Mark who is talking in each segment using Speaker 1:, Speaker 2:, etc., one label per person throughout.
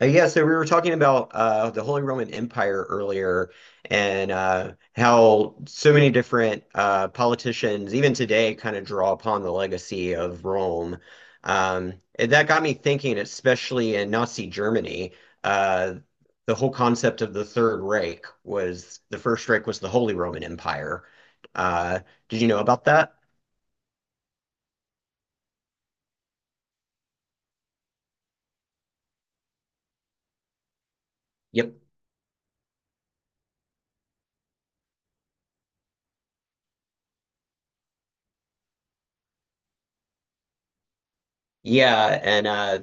Speaker 1: Yeah, so we were talking about the Holy Roman Empire earlier and how so many different politicians, even today, kind of draw upon the legacy of Rome. Um, and that got me thinking, especially in Nazi Germany, uh, the whole concept of the Third Reich was the First Reich was the Holy Roman Empire. Uh, did you know about that? Yep. Yeah, and uh,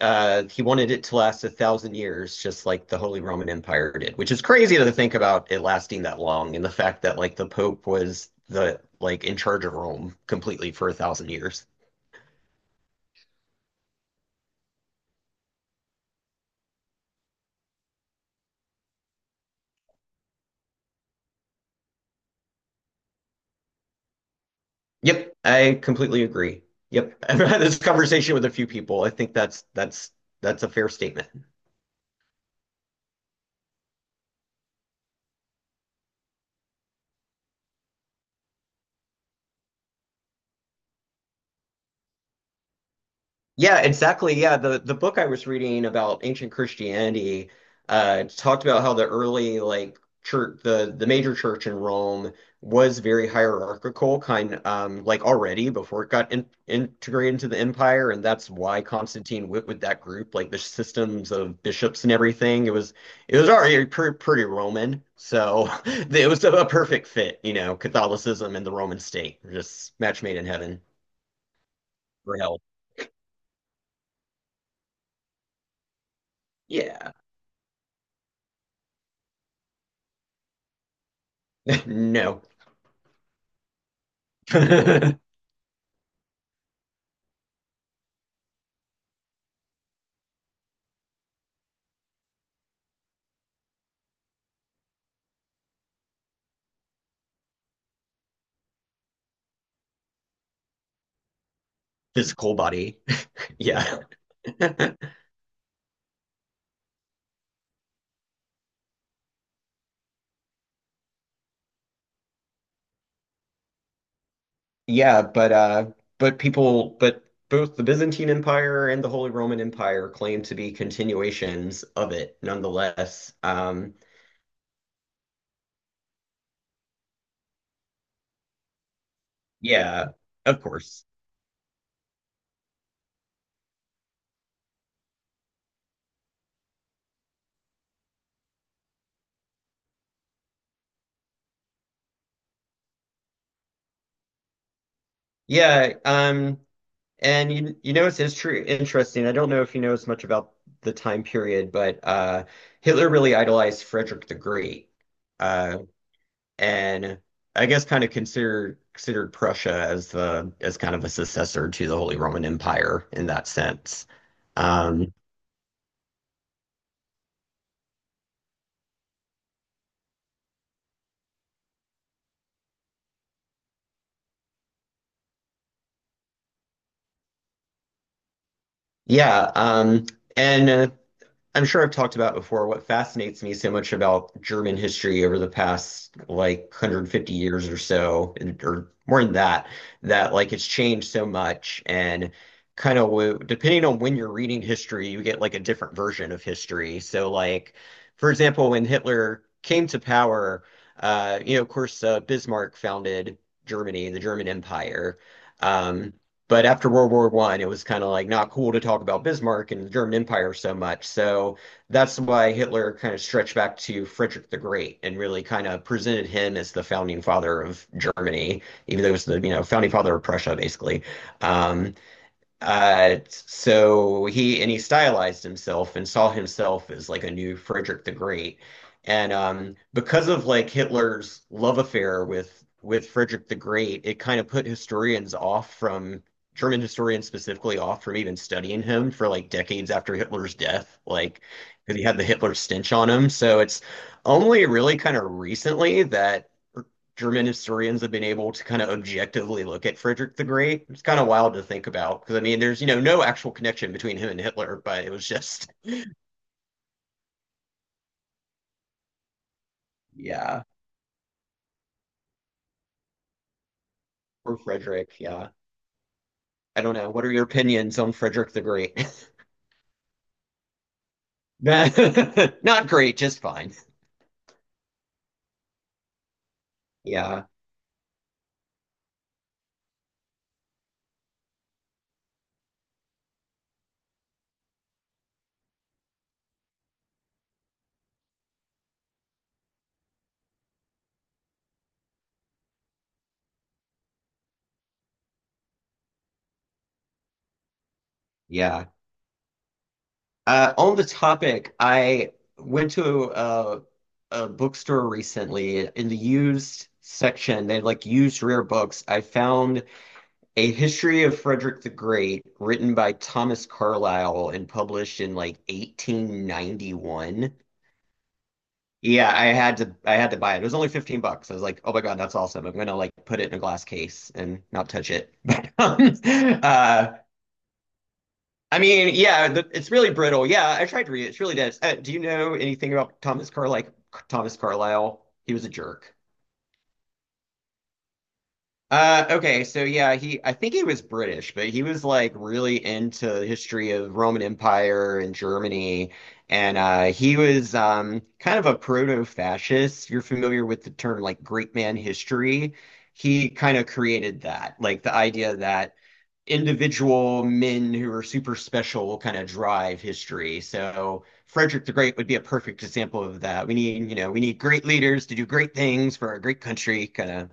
Speaker 1: uh, he wanted it to last 1,000 years, just like the Holy Roman Empire did, which is crazy to think about it lasting that long, and the fact that like the Pope was the like in charge of Rome completely for 1,000 years. Yep, I completely agree. Yep, I've had this conversation with a few people. I think that's a fair statement. Yeah, exactly. Yeah, the book I was reading about ancient Christianity talked about how the early like church the major church in Rome was very hierarchical kind like already before it got in, integrated into the empire, and that's why Constantine went with that group, like the systems of bishops and everything. It was already pretty, pretty Roman, so it was perfect fit. Catholicism and the Roman state, just match made in heaven or hell. Yeah. No. Physical body. Yeah. Yeah, but both the Byzantine Empire and the Holy Roman Empire claim to be continuations of it nonetheless. Yeah, of course. Yeah, and it's true interesting. I don't know if you know as much about the time period, but Hitler really idolized Frederick the Great. Uh and I guess kind of considered Prussia as the as kind of a successor to the Holy Roman Empire in that sense. Um, yeah, and I'm sure I've talked about before what fascinates me so much about German history over the past like 150 years or so, or more than that, that like it's changed so much. And kind of depending on when you're reading history, you get like a different version of history. So, like, for example, when Hitler came to power, of course, Bismarck founded Germany, the German Empire. Um, but after World War I, it was kind of like not cool to talk about Bismarck and the German Empire so much. So that's why Hitler kind of stretched back to Frederick the Great and really kind of presented him as the founding father of Germany, even though it was the, you know, founding father of Prussia, basically. Um, so he and he stylized himself and saw himself as like a new Frederick the Great. And because of like Hitler's love affair with Frederick the Great, it kind of put historians off from German historians specifically off from even studying him for like decades after Hitler's death, like because he had the Hitler stench on him. So it's only really kind of recently that German historians have been able to kind of objectively look at Frederick the Great. It's kind of wild to think about because I mean, there's, you know, no actual connection between him and Hitler, but it was just, yeah, or Frederick. Yeah. I don't know. What are your opinions on Frederick the Great? Not great, just fine. Yeah. Yeah. On the topic, I went to a bookstore recently in the used section. They had, like, used rare books. I found A History of Frederick the Great, written by Thomas Carlyle and published in like 1891. Yeah, I had to buy it. It was only 15 bucks. I was like, "Oh my God, that's awesome. I'm gonna like put it in a glass case and not touch it." But uh I mean, yeah, it's really brittle. Yeah, I tried to read it. It's really dense. Do you know anything about Thomas Carlyle? Thomas Carlyle? He was a jerk. Okay, so yeah, he I think he was British, but he was like really into the history of Roman Empire and Germany, and he was kind of a proto-fascist. You're familiar with the term like great man history. He kind of created that, like the idea that individual men who are super special will kind of drive history. So Frederick the Great would be a perfect example of that. We need great leaders to do great things for our great country, kind of.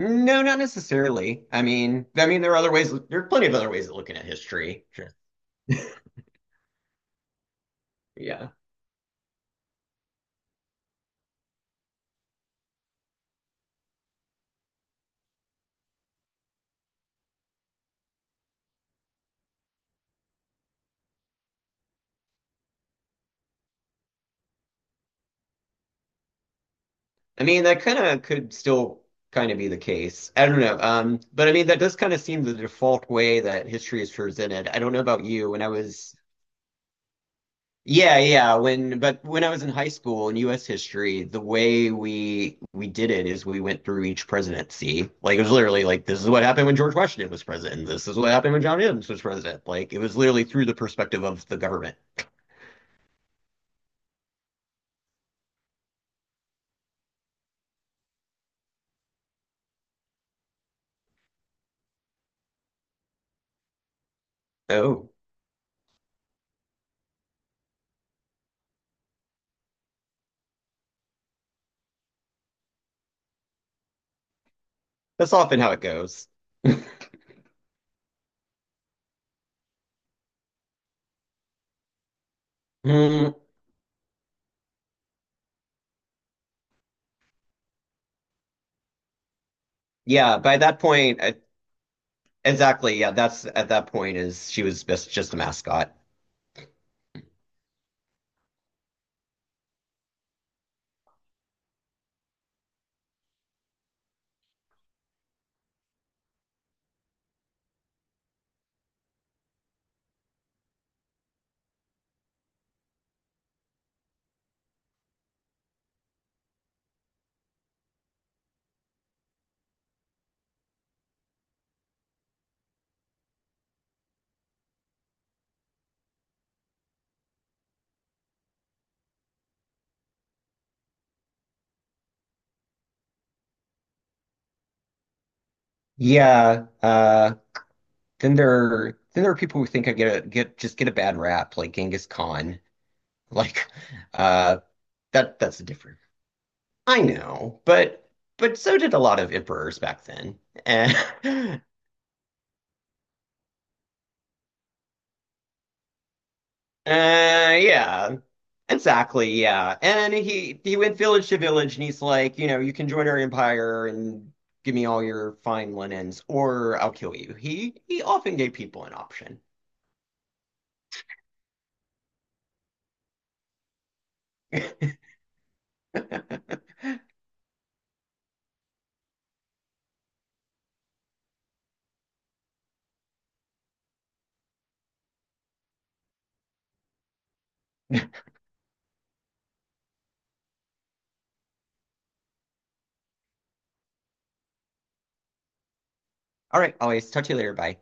Speaker 1: No, not necessarily. I mean, there are other ways. There are plenty of other ways of looking at history. Sure. Yeah. I mean, that kind of could still kind of be the case. I don't know. But I mean, that does kind of seem the default way that history is presented. I don't know about you. Yeah, yeah, when I was in high school in U.S. history, the way we did it is we went through each presidency. Like it was literally like this is what happened when George Washington was president. This is what happened when John Adams was president. Like it was literally through the perspective of the government. Oh, that's often how it goes. Mm, yeah, by that point, exactly. Yeah, that's at that point is she was just a mascot. Yeah. Then there are people who think I get a get just get a bad rap, like Genghis Khan. Like, uh, that's different. I know, but so did a lot of emperors back then. And uh, yeah, exactly, yeah. And he went village to village and he's like, you know, you can join our empire and give me all your fine linens, or I'll kill you. He often gave people an option. All right, always talk to you later. Bye.